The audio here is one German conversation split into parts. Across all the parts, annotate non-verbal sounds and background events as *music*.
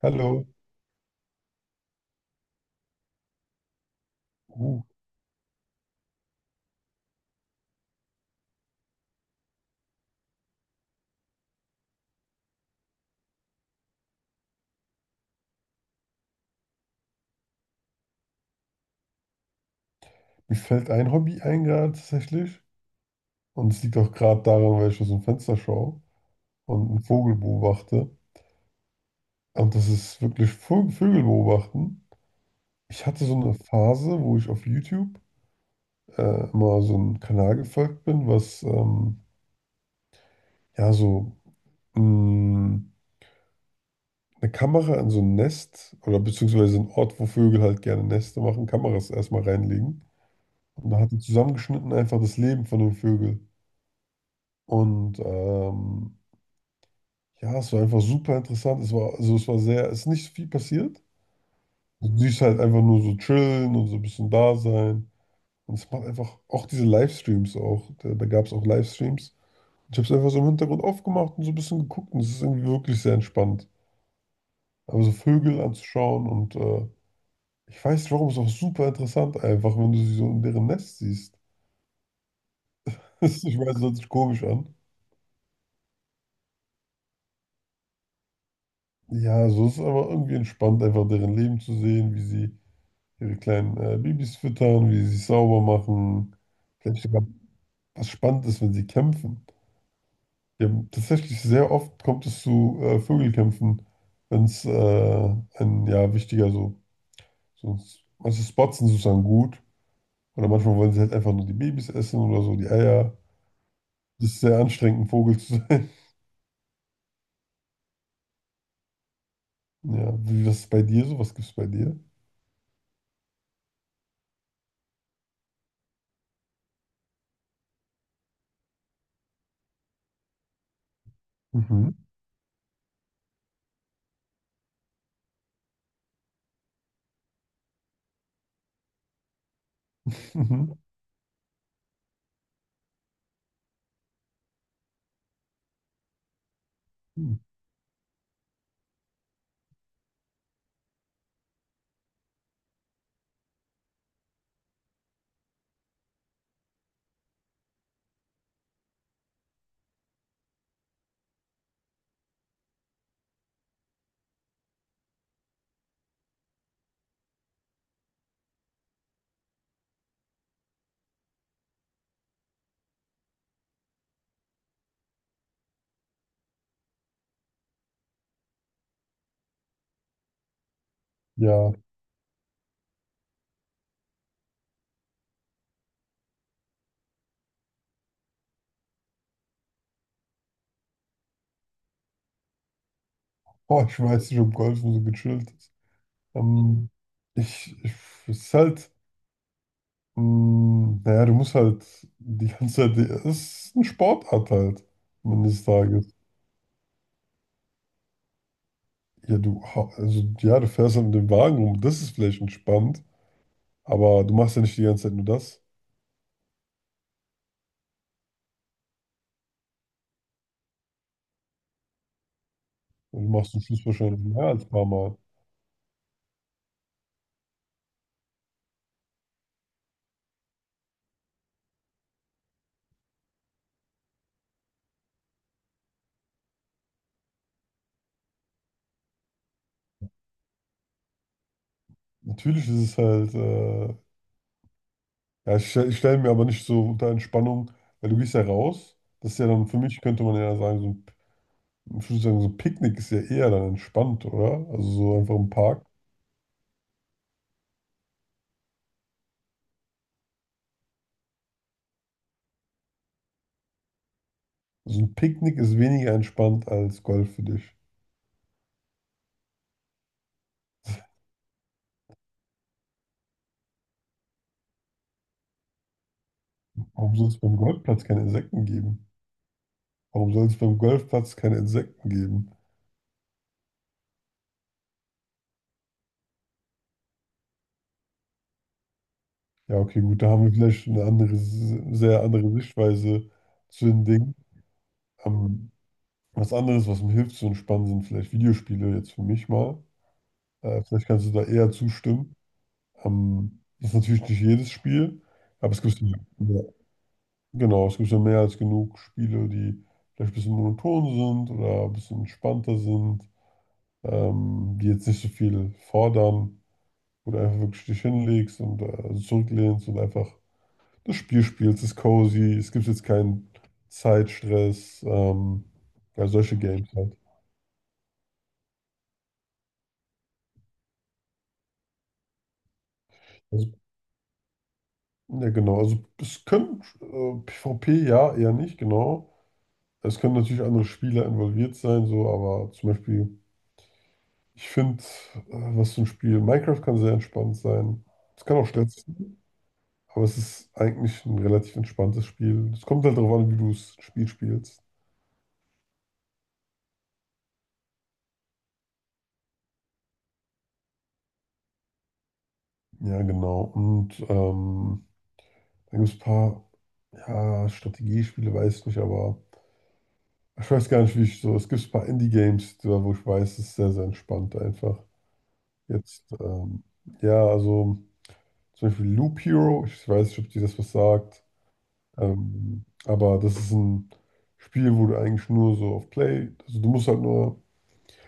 Hallo. Uh, Mir fällt ein Hobby ein gerade tatsächlich. Und es liegt auch gerade daran, weil ich aus dem Fenster schaue und einen Vogel beobachte. Und das ist wirklich Vögel beobachten. Ich hatte so eine Phase, wo ich auf YouTube immer so einem Kanal gefolgt bin, was ja so mh, eine Kamera in so ein Nest oder beziehungsweise einen Ort, wo Vögel halt gerne Nester machen, Kameras erstmal reinlegen. Und da hat er zusammengeschnitten einfach das Leben von den Vögeln. Und ja, es war einfach super interessant. Es war, also es war sehr, es ist nicht viel passiert. Du siehst halt einfach nur so chillen und so ein bisschen da sein. Und es macht einfach auch diese Livestreams auch. Da gab es auch Livestreams. Ich habe es einfach so im Hintergrund aufgemacht und so ein bisschen geguckt und es ist irgendwie wirklich sehr entspannt. Aber so Vögel anzuschauen und ich weiß nicht warum, es ist auch super interessant einfach, wenn du sie so in deren Nest siehst. *laughs* Ich weiß, das hört sich komisch an. Ja, so ist es aber irgendwie entspannt, einfach deren Leben zu sehen, wie sie ihre kleinen Babys füttern, wie sie sich sauber machen. Vielleicht sogar was Spannendes, wenn sie kämpfen. Die haben tatsächlich sehr oft kommt es zu Vögelkämpfen, wenn es ein ja wichtiger so, so manche Spots sind sozusagen gut. Oder manchmal wollen sie halt einfach nur die Babys essen oder so, die Eier. Das ist sehr anstrengend, ein Vogel zu sein. *laughs* Ja, wie, was ist bei dir so? Was gibt's bei dir? Mhm. *laughs* Mhm. Ja, oh, ich weiß nicht, ob Golfen so gechillt ist. Ähm, ich, es ist halt. Mm, naja, du musst halt die ganze Zeit, es ist eine Sportart halt, am Ende des Tages. Ja, du, also, ja, du fährst halt mit dem Wagen rum, das ist vielleicht entspannt, aber du machst ja nicht die ganze Zeit nur das. Und du machst zum Schluss wahrscheinlich mehr als ein paar Mal. Natürlich ist es halt, ja, ich, ich stelle mir aber nicht so unter Entspannung, weil du gehst ja raus. Das ist ja dann, für mich könnte man ja sagen, so ein, ich würde sagen, so ein Picknick ist ja eher dann entspannt, oder? Also so einfach im Park. So ein Picknick ist weniger entspannt als Golf für dich. Warum soll es beim Golfplatz keine Insekten geben? Warum soll es beim Golfplatz keine Insekten geben? Ja, okay, gut, da haben wir vielleicht eine andere, sehr andere Sichtweise zu den Dingen. Ähm, was anderes, was mir hilft zu entspannen, sind vielleicht Videospiele jetzt für mich mal. Vielleicht kannst du da eher zustimmen. Das ist natürlich nicht jedes Spiel, aber es gibt ja, genau, es gibt ja mehr als genug Spiele, die vielleicht ein bisschen monoton sind oder ein bisschen entspannter sind, die jetzt nicht so viel fordern, wo du einfach wirklich dich hinlegst und zurücklehnst und einfach das Spiel spielst. Es ist cozy, es gibt jetzt keinen Zeitstress, ja, solche Games halt. Also, ja, genau. Also, es können PvP, ja, eher nicht, genau. Es können natürlich andere Spieler involviert sein, so, aber zum Beispiel, ich finde, was für ein Spiel, Minecraft kann sehr entspannt sein. Es kann auch stressig sein, aber es ist eigentlich ein relativ entspanntes Spiel. Es kommt halt darauf an, wie du das Spiel spielst. Ja, genau. Und da gibt es ein paar, ja, Strategiespiele, weiß ich nicht, aber ich weiß gar nicht, wie ich so. Es gibt ein paar Indie-Games, da wo ich weiß, es ist sehr, sehr entspannt einfach. Jetzt, ja, also zum Beispiel Loop Hero, ich weiß nicht, ob dir das was sagt, aber das ist ein Spiel, wo du eigentlich nur so auf Play, also du musst halt nur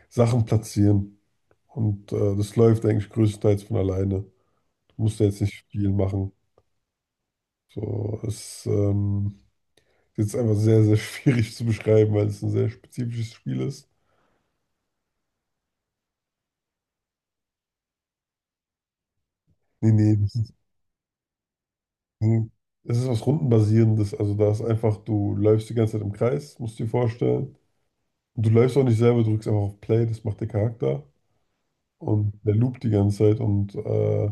Sachen platzieren und das läuft eigentlich größtenteils von alleine. Du musst da jetzt nicht viel machen. So, es das ist einfach sehr, sehr *laughs* schwierig zu beschreiben, weil es ein sehr spezifisches Spiel ist. Nee, nee, das ist was Rundenbasierendes. Also da ist einfach, du läufst die ganze Zeit im Kreis, musst du dir vorstellen. Und du läufst auch nicht selber, drückst einfach auf Play, das macht der Charakter. Und der loopt die ganze Zeit und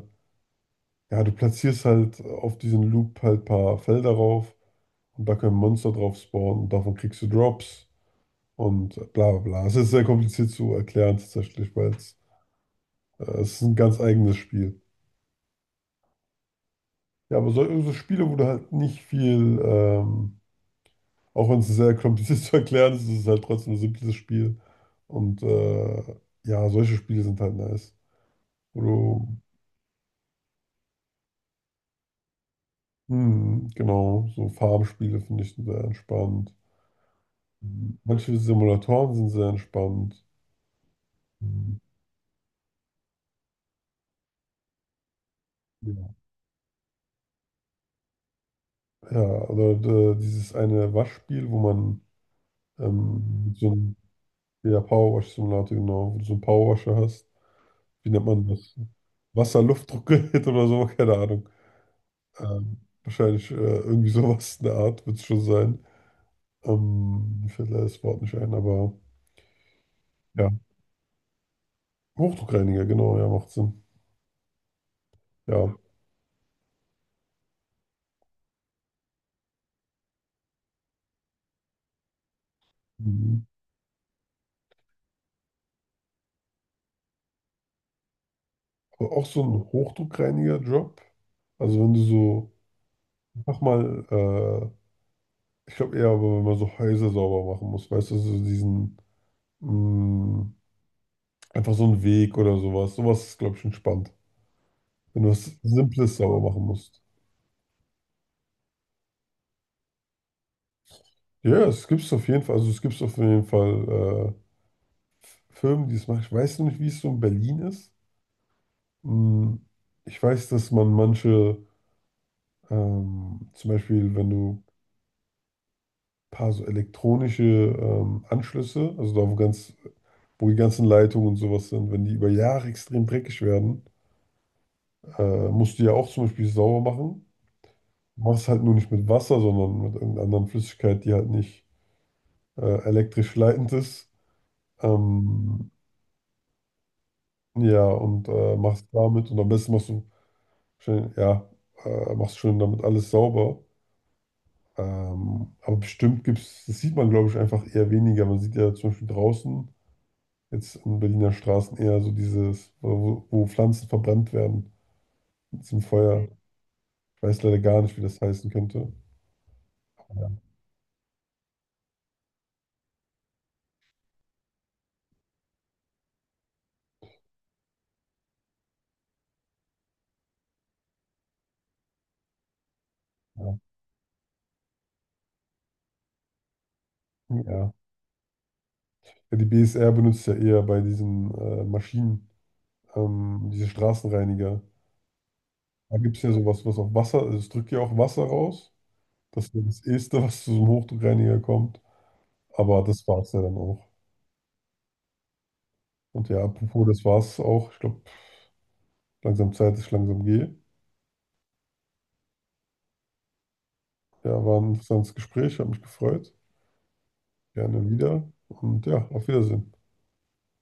ja, du platzierst halt auf diesen Loop halt ein paar Felder rauf und da können Monster drauf spawnen und davon kriegst du Drops und bla bla bla. Es ist sehr kompliziert zu erklären tatsächlich, weil es es ist ein ganz eigenes Spiel. Ja, aber so, so Spiele, wo du halt nicht viel, auch wenn es sehr kompliziert *laughs* zu erklären ist, ist es halt trotzdem ein simples Spiel. Und ja, solche Spiele sind halt nice. Wo du, hm, genau, so Farmspiele finde ich sehr entspannt. Manche Simulatoren sind sehr entspannt. Ja, ja oder dieses eine Waschspiel, wo man so ein, ja, Powerwash-Simulator, genau, wo du so einen Powerwasher hast. Wie nennt man das? Wasser-Luftdruckgerät *laughs* oder so, keine Ahnung. Wahrscheinlich irgendwie *laughs* sowas in der Art wird es schon sein. Mir fällt leider das Wort nicht ein, aber ja. Hochdruckreiniger, genau, ja, macht Sinn. Ja. Mhm. Aber auch so ein Hochdruckreiniger-Job. Also wenn du so, mach mal, ich glaube eher, aber wenn man so Häuser sauber machen muss, weißt du, so diesen, mh, einfach so einen Weg oder sowas. Sowas ist, glaube ich, entspannt. Wenn du was Simples sauber machen musst. Ja, es gibt es auf jeden Fall, also es gibt es auf jeden Fall. Firmen, die es machen. Ich weiß noch nicht, wie es so in Berlin ist. Hm, ich weiß, dass man manche, zum Beispiel, wenn du ein paar so elektronische Anschlüsse, also da wo ganz, wo die ganzen Leitungen und sowas sind, wenn die über Jahre extrem dreckig werden, musst du ja auch zum Beispiel sauber machen. Machst halt nur nicht mit Wasser, sondern mit irgendeiner anderen Flüssigkeit, die halt nicht elektrisch leitend ist. Ähm, ja, und machst damit und am besten machst du schön, ja, machst schon damit alles sauber. Aber bestimmt gibt es, das sieht man, glaube ich, einfach eher weniger. Man sieht ja zum Beispiel draußen, jetzt in Berliner Straßen eher so dieses, wo Pflanzen verbrannt werden mit diesem Feuer. Ich weiß leider gar nicht, wie das heißen könnte. Ja, ja. Ja, ja, die BSR benutzt ja eher bei diesen Maschinen, diese Straßenreiniger. Da gibt es ja sowas, was auf Wasser, also es drückt ja auch Wasser raus. Das ist das Erste, was zu so einem Hochdruckreiniger kommt. Aber das war es ja dann auch. Und ja, apropos, das war's auch. Ich glaube, langsam Zeit, dass ich langsam gehe. Ja, war ein interessantes Gespräch, hat mich gefreut. Gerne wieder. Und ja, auf Wiedersehen.